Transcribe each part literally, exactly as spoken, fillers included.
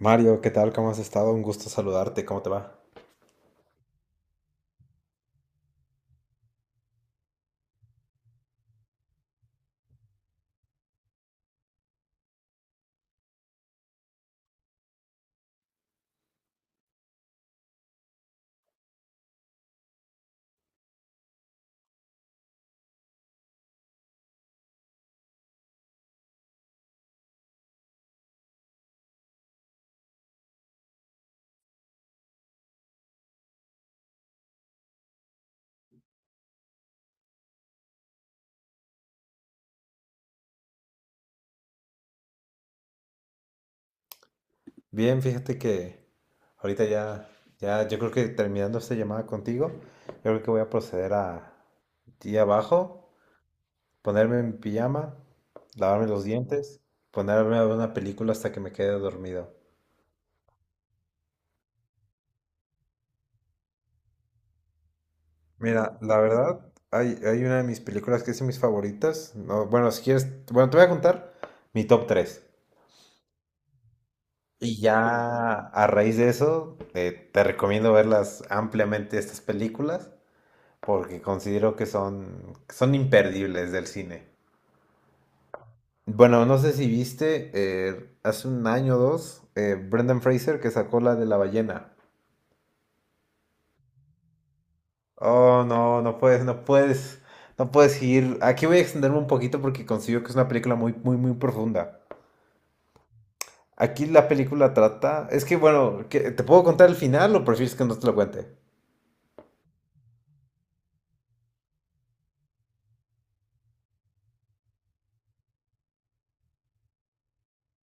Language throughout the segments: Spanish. Mario, ¿qué tal? ¿Cómo has estado? Un gusto saludarte. ¿Cómo te va? Bien, fíjate que ahorita ya, ya, yo creo que terminando esta llamada contigo, yo creo que voy a proceder a ir abajo, ponerme en pijama, lavarme los dientes, ponerme a ver una película hasta que me quede dormido. Mira, la verdad, hay, hay una de mis películas que es de mis favoritas. No, bueno, si quieres, bueno, te voy a contar mi top tres. Y ya a raíz de eso, eh, te recomiendo verlas ampliamente estas películas porque considero que son, son imperdibles del cine. Bueno, no sé si viste, eh, hace un año o dos, eh, Brendan Fraser que sacó la de la ballena. Oh, no, no puedes, no puedes, no puedes ir. Aquí voy a extenderme un poquito porque considero que es una película muy, muy, muy profunda. Aquí la película trata, es que bueno, ¿qué- ¿te puedo contar el final o prefieres que no te lo cuente?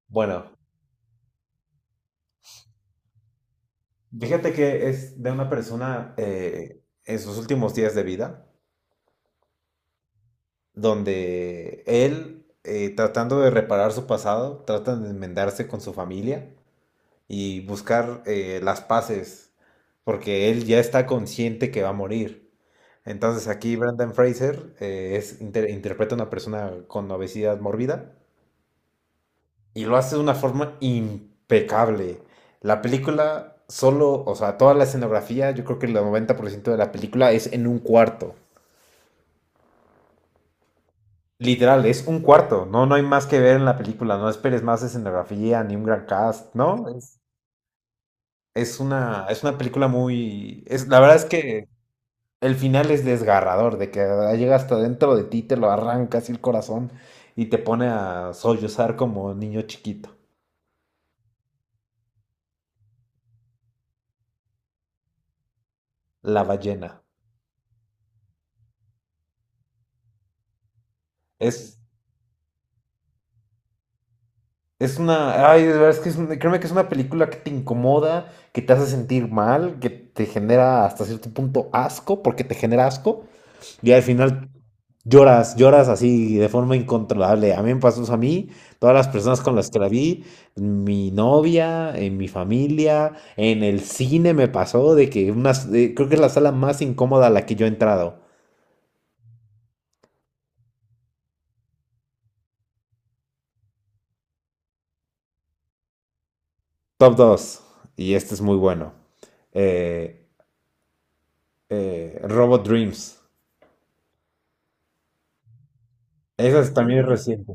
Bueno, Fíjate que es de una persona eh, en sus últimos días de vida, donde él, eh, tratando de reparar su pasado, trata de enmendarse con su familia y buscar eh, las paces, porque él ya está consciente que va a morir. Entonces aquí Brendan Fraser eh, es, inter- interpreta a una persona con obesidad mórbida y lo hace de una forma impecable. La película solo, o sea, toda la escenografía, yo creo que el noventa por ciento de la película es en un cuarto. Literal, es un cuarto, no, no hay más que ver en la película, no esperes más escenografía ni un gran cast, ¿no? Es, es una, es una película muy. Es, la verdad es que el final es desgarrador, de que llega hasta dentro de ti, te lo arranca así el corazón y te pone a sollozar como niño chiquito, la ballena. Es, Es una, ay, de verdad es que es, una- créeme que es una película que te incomoda, que te hace sentir mal, que te genera hasta cierto punto asco, porque te genera asco, y al final lloras, lloras así de forma incontrolable. A mí me pasó eso a mí, todas las personas con las que la vi, mi novia, en mi familia, en el cine me pasó de que una de- creo que es la sala más incómoda a la que yo he entrado. Top dos y este es muy bueno. Eh, eh, Robot Dreams. Esa es- también es reciente.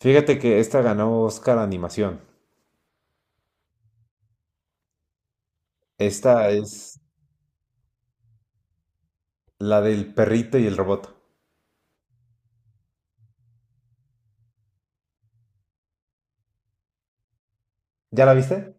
Fíjate que esta ganó Oscar a Animación. Esta es la del perrito y el robot. ¿Ya la viste?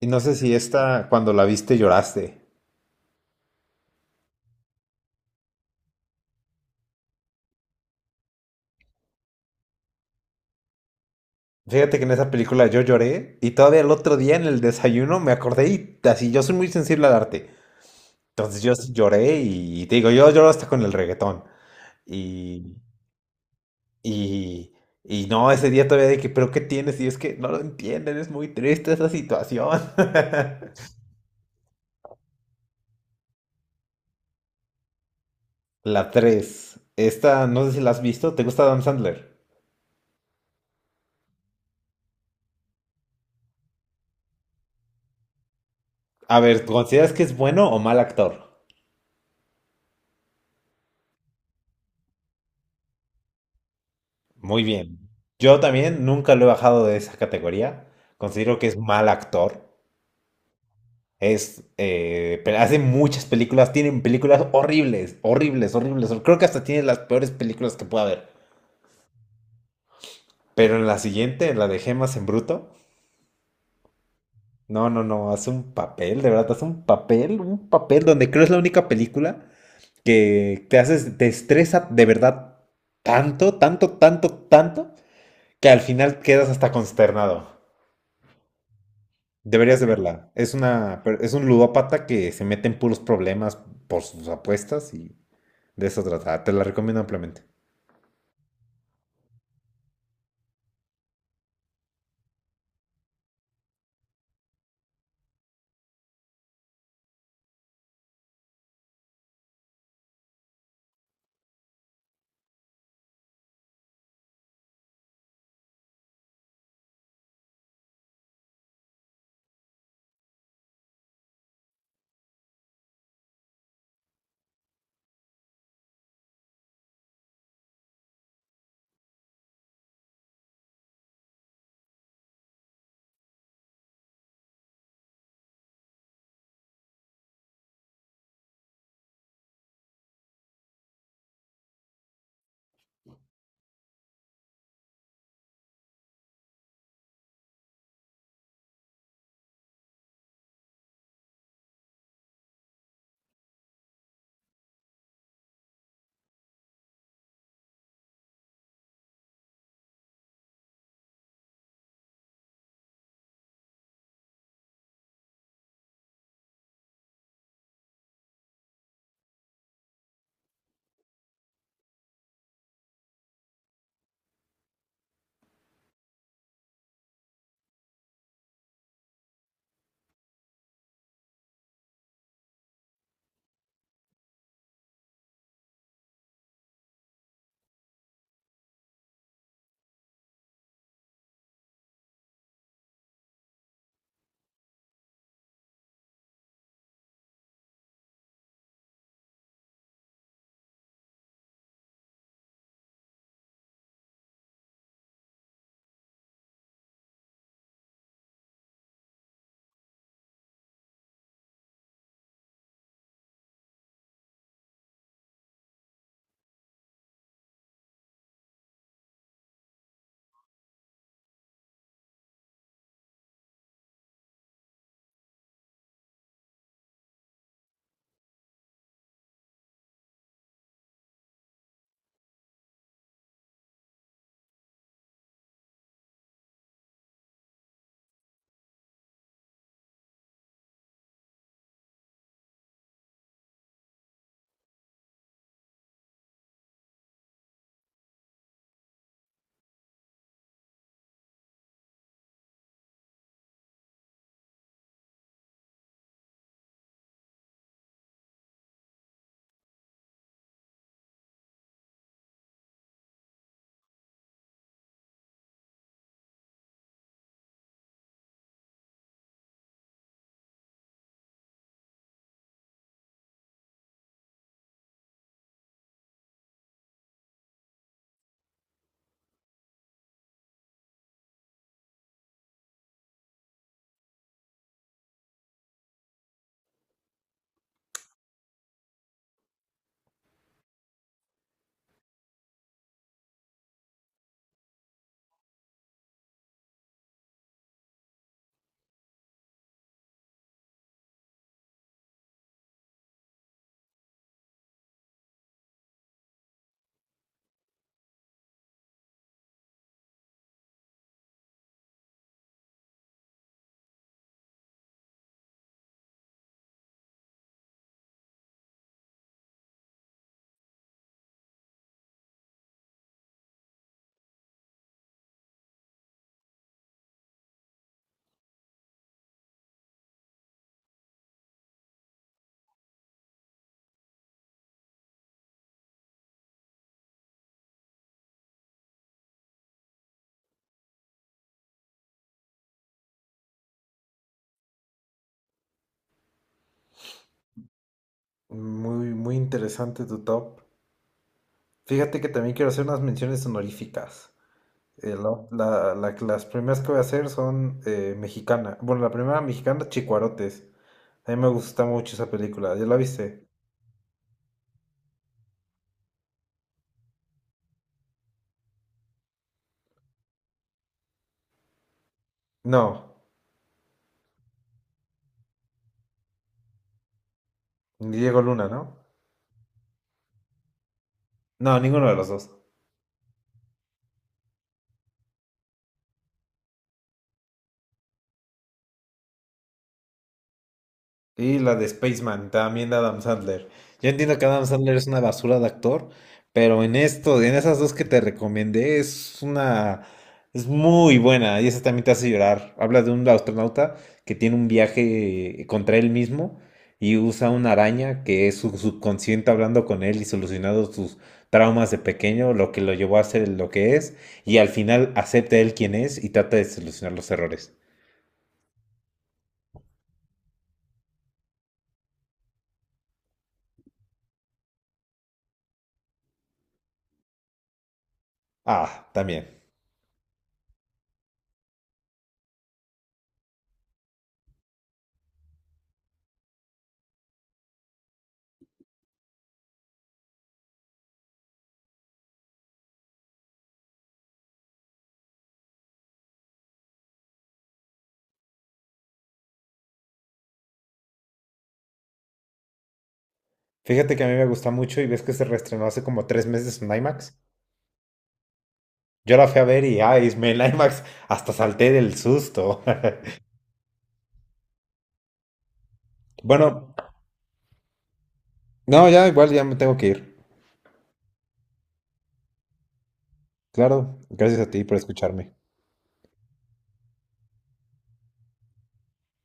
Y no sé si esta, cuando la viste, lloraste. Fíjate que en esa película yo lloré y todavía el otro día en el desayuno me acordé y así yo soy muy sensible al arte. Entonces yo sí lloré y, te digo, yo lloro hasta con el reggaetón. Y, y, y no, ese día todavía dije, pero ¿qué tienes? Y es que no lo entienden, es muy triste esa situación. La tres. Esta, no sé si la has visto. ¿Te gusta Adam Sandler? A ver, ¿consideras que es bueno o mal actor? Muy bien. Yo también nunca lo he bajado de esa categoría. Considero que es mal actor. Es, eh, pe- hace muchas películas, tienen películas horribles, horribles, horribles. Creo que hasta tiene las peores películas que pueda haber. Pero en la siguiente, en la de Gemas en Bruto, no, no, no, hace un papel, de verdad, hace un papel, un papel donde creo es la única película que te haces, te estresa de verdad tanto, tanto, tanto, tanto, que al final quedas hasta consternado. Deberías de verla. Es una, per- es un ludópata que se mete en puros problemas por sus apuestas y de eso trata. Ah, Te la recomiendo ampliamente. Muy, muy interesante tu top. Fíjate que también quiero hacer unas menciones honoríficas. Eh, la- la- la- las primeras que voy a hacer son eh, mexicana. Bueno, la primera mexicana, Chicuarotes. A mí me gusta mucho esa película. ¿Ya la viste? No. Diego Luna, ¿no? No, ninguno de los dos. Y la de Spaceman, también de Adam Sandler. Yo entiendo que Adam Sandler es una basura de actor, pero en esto, en esas dos que te recomendé, es una, es muy buena y esa también te hace llorar. Habla de un astronauta que tiene un viaje eh, contra él mismo y usa una araña que es su subconsciente hablando con él y solucionando sus traumas de pequeño, lo que lo llevó a ser lo que es, y al final acepta él quien es y trata de solucionar los errores. Ah, también. Fíjate que a mí me gusta mucho y ves que se reestrenó hace como tres meses en IMAX. Yo la fui a ver y, ay, me en IMAX hasta salté del susto. Bueno, no, ya igual ya me tengo que ir. Claro, gracias a ti por escucharme.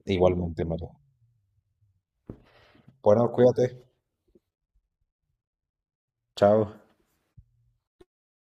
Igualmente, Mario. Bueno, cuídate. Chao.